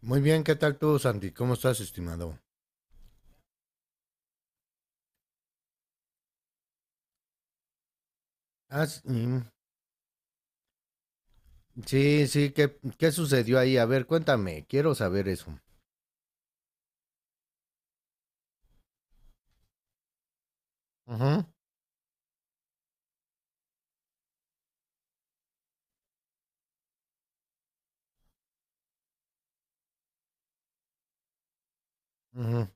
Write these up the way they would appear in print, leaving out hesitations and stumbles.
Muy bien, ¿qué tal tú, Santi? ¿Cómo estás, estimado? Ah, s- mm, sí, sí, ¿qué sucedió ahí? A ver, cuéntame, quiero saber eso. Ujú, ujú.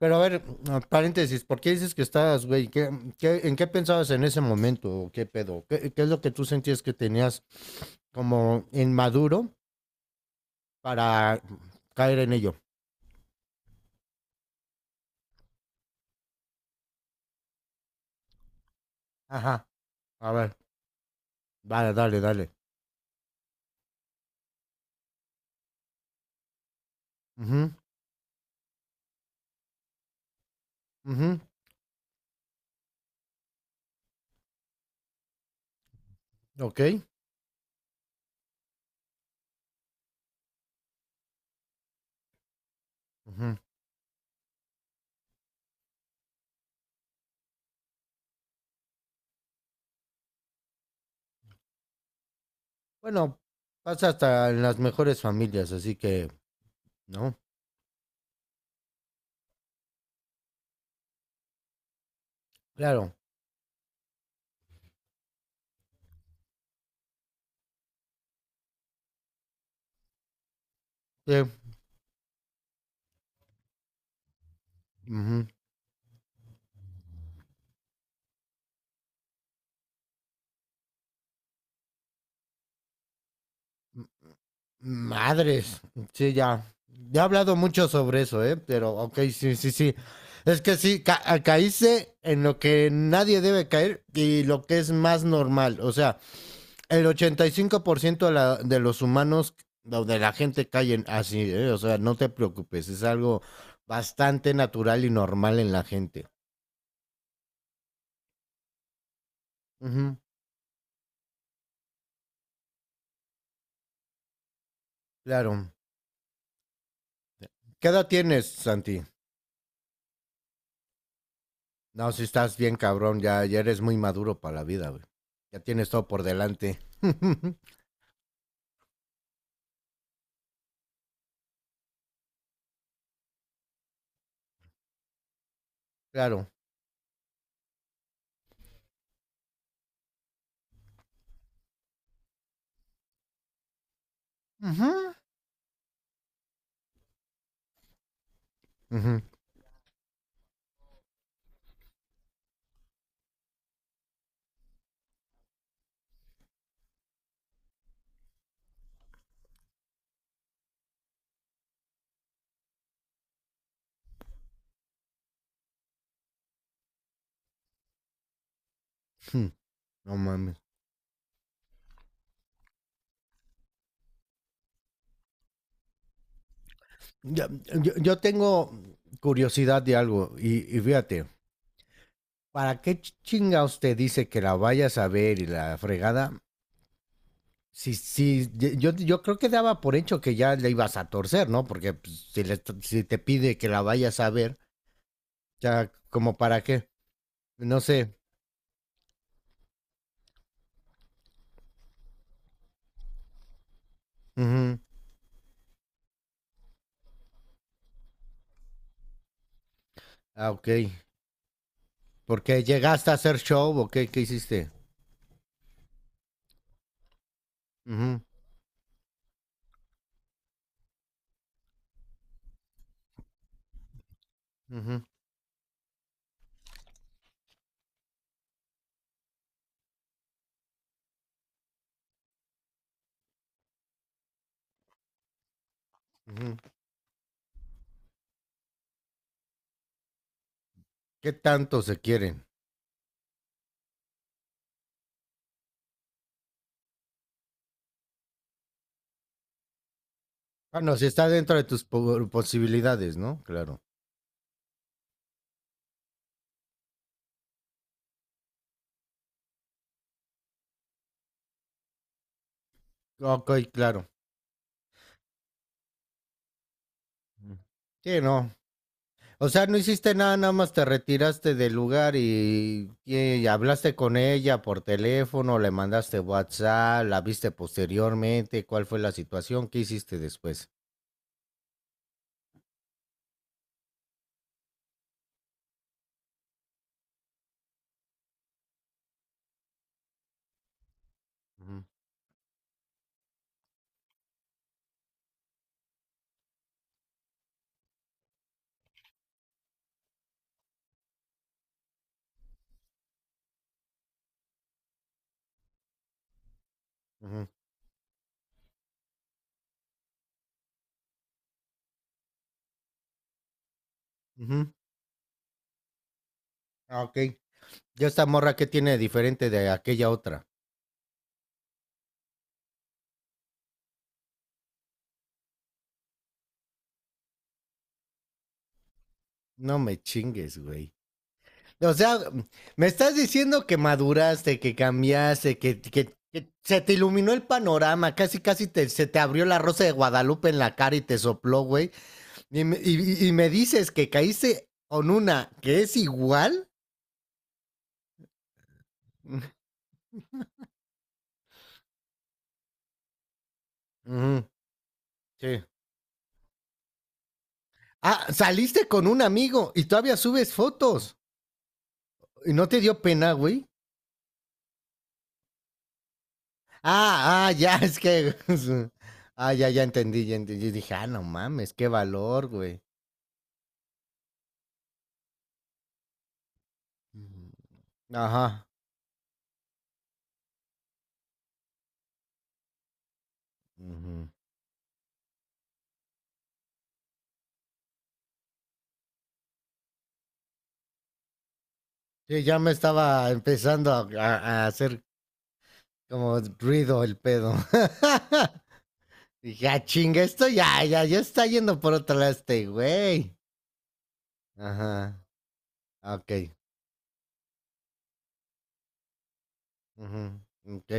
Pero a ver, paréntesis, ¿por qué dices que estabas, güey? ¿En qué pensabas en ese momento? ¿O ¿Qué pedo? ¿Qué es lo que tú sentías que tenías como inmaduro para caer en ello? Ajá, a ver, vale, dale, dale. Ujú, ujú, ok. Ujú. Bueno, pasa hasta en las mejores familias, así que, ¿no? Claro. Sí. Ujú. Madres. Sí, ya. Ya he hablado mucho sobre eso, ¿eh? Pero, ok, sí, sí, sí. Es que sí, caíste en lo que nadie debe caer y lo que es más normal. O sea, el 85% de los humanos o de la gente caen así, ¿eh? O sea, no te preocupes, es algo bastante natural y normal en la gente. Ujú, claro. ¿Qué edad tienes, Santi? No, si estás bien cabrón, ya, ya eres muy maduro para la vida, güey. Ya tienes todo por delante. Claro. Ujú. No mames. Yo, Yo, yo tengo curiosidad de algo y fíjate, ¿para qué chinga usted dice que la vayas a ver y la fregada? Si, si, Yo creo que daba por hecho que ya le ibas a torcer, ¿no? Porque pues, si te pide que la vayas a ver, ya como para qué, no sé. Ujú. Ah, ok. Porque llegaste a hacer show o qué, qué hiciste. Ujú, ujú, ujú. ¿Qué tanto se quieren? Bueno, si está dentro de tus posibilidades, ¿no? Claro. Ok, claro. Sí, no. O sea, no hiciste nada, nada más te retiraste del lugar y hablaste con ella por teléfono, le mandaste WhatsApp, la viste posteriormente, cuál fue la situación, qué hiciste después. Ujú, ujú, ujú. Ah, ok. Ya esta morra qué tiene diferente de aquella otra. No me chingues, güey. O sea, me estás diciendo que maduraste, que cambiaste, que se te iluminó el panorama, casi, casi te, se te abrió la rosa de Guadalupe en la cara y te sopló, güey. Y me dices que caíste con una que es igual. Ujú, sí. Ah, saliste con un amigo y todavía subes fotos. ¿Y no te dio pena, güey? Ah, ah, ya, es que... Ah, ya, ya entendí, ya entendí. Dije, ah, no mames, qué valor, güey. Ujú. Ajá. Ujú. Sí, ya me estaba empezando a, a hacer como ruido el pedo. Dije, ah, chinga, esto ya, ya, ya está yendo por otro lado este güey. Ajá, ah, ok. Ujú, ok.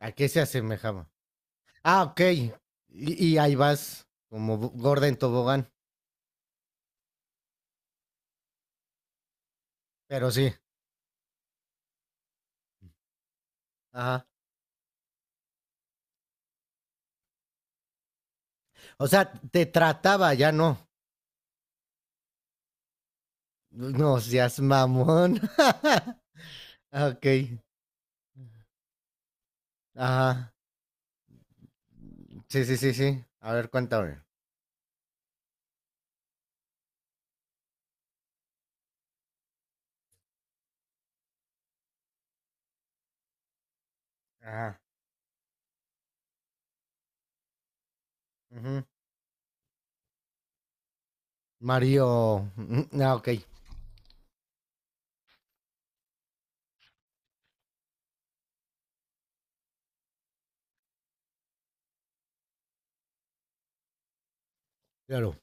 ¿A qué se asemejaba? Ah, ok. Y ahí vas, como gorda en tobogán. Pero sí, ajá. O sea, te trataba, ya no. No seas mamón. Ok, ajá. Sí, sí, sí, sí. A ver, cuéntame. Ajá. Ujú. Mario. Ah, ok, claro.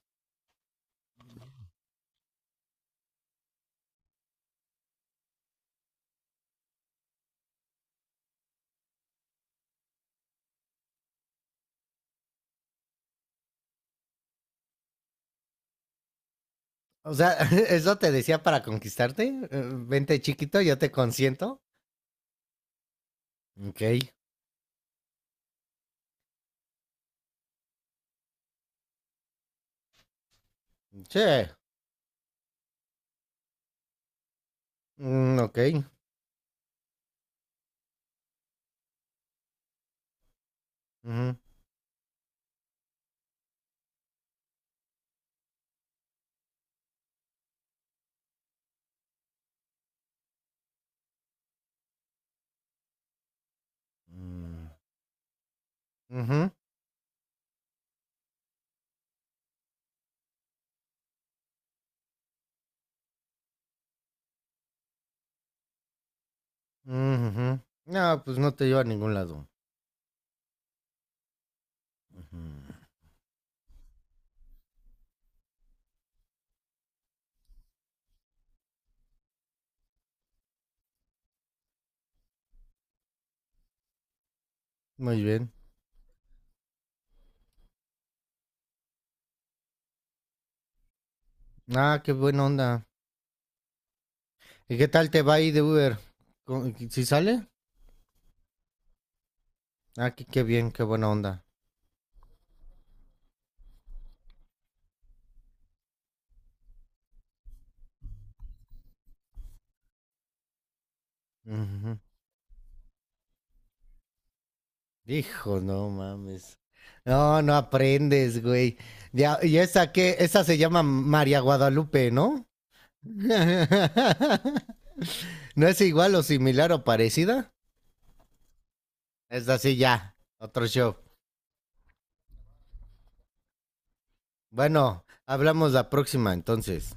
O sea, ¿eso te decía para conquistarte? Vente chiquito, yo te consiento. Ok. Che. Mm, ok. Ujú. Mm, ujú, ujú. No, pues no te lleva a ningún lado. Ujú. Muy bien. Ah, qué buena onda. ¿Y qué tal te va ahí de Uber? ¿Si sale? Ah, qué, qué bien, qué buena onda. Ujú. Hijo, no mames. No, no aprendes, güey. Ya, y esa que, esa se llama María Guadalupe, ¿no? ¿No es igual o similar o parecida? Es así ya, otro show. Bueno, hablamos la próxima entonces.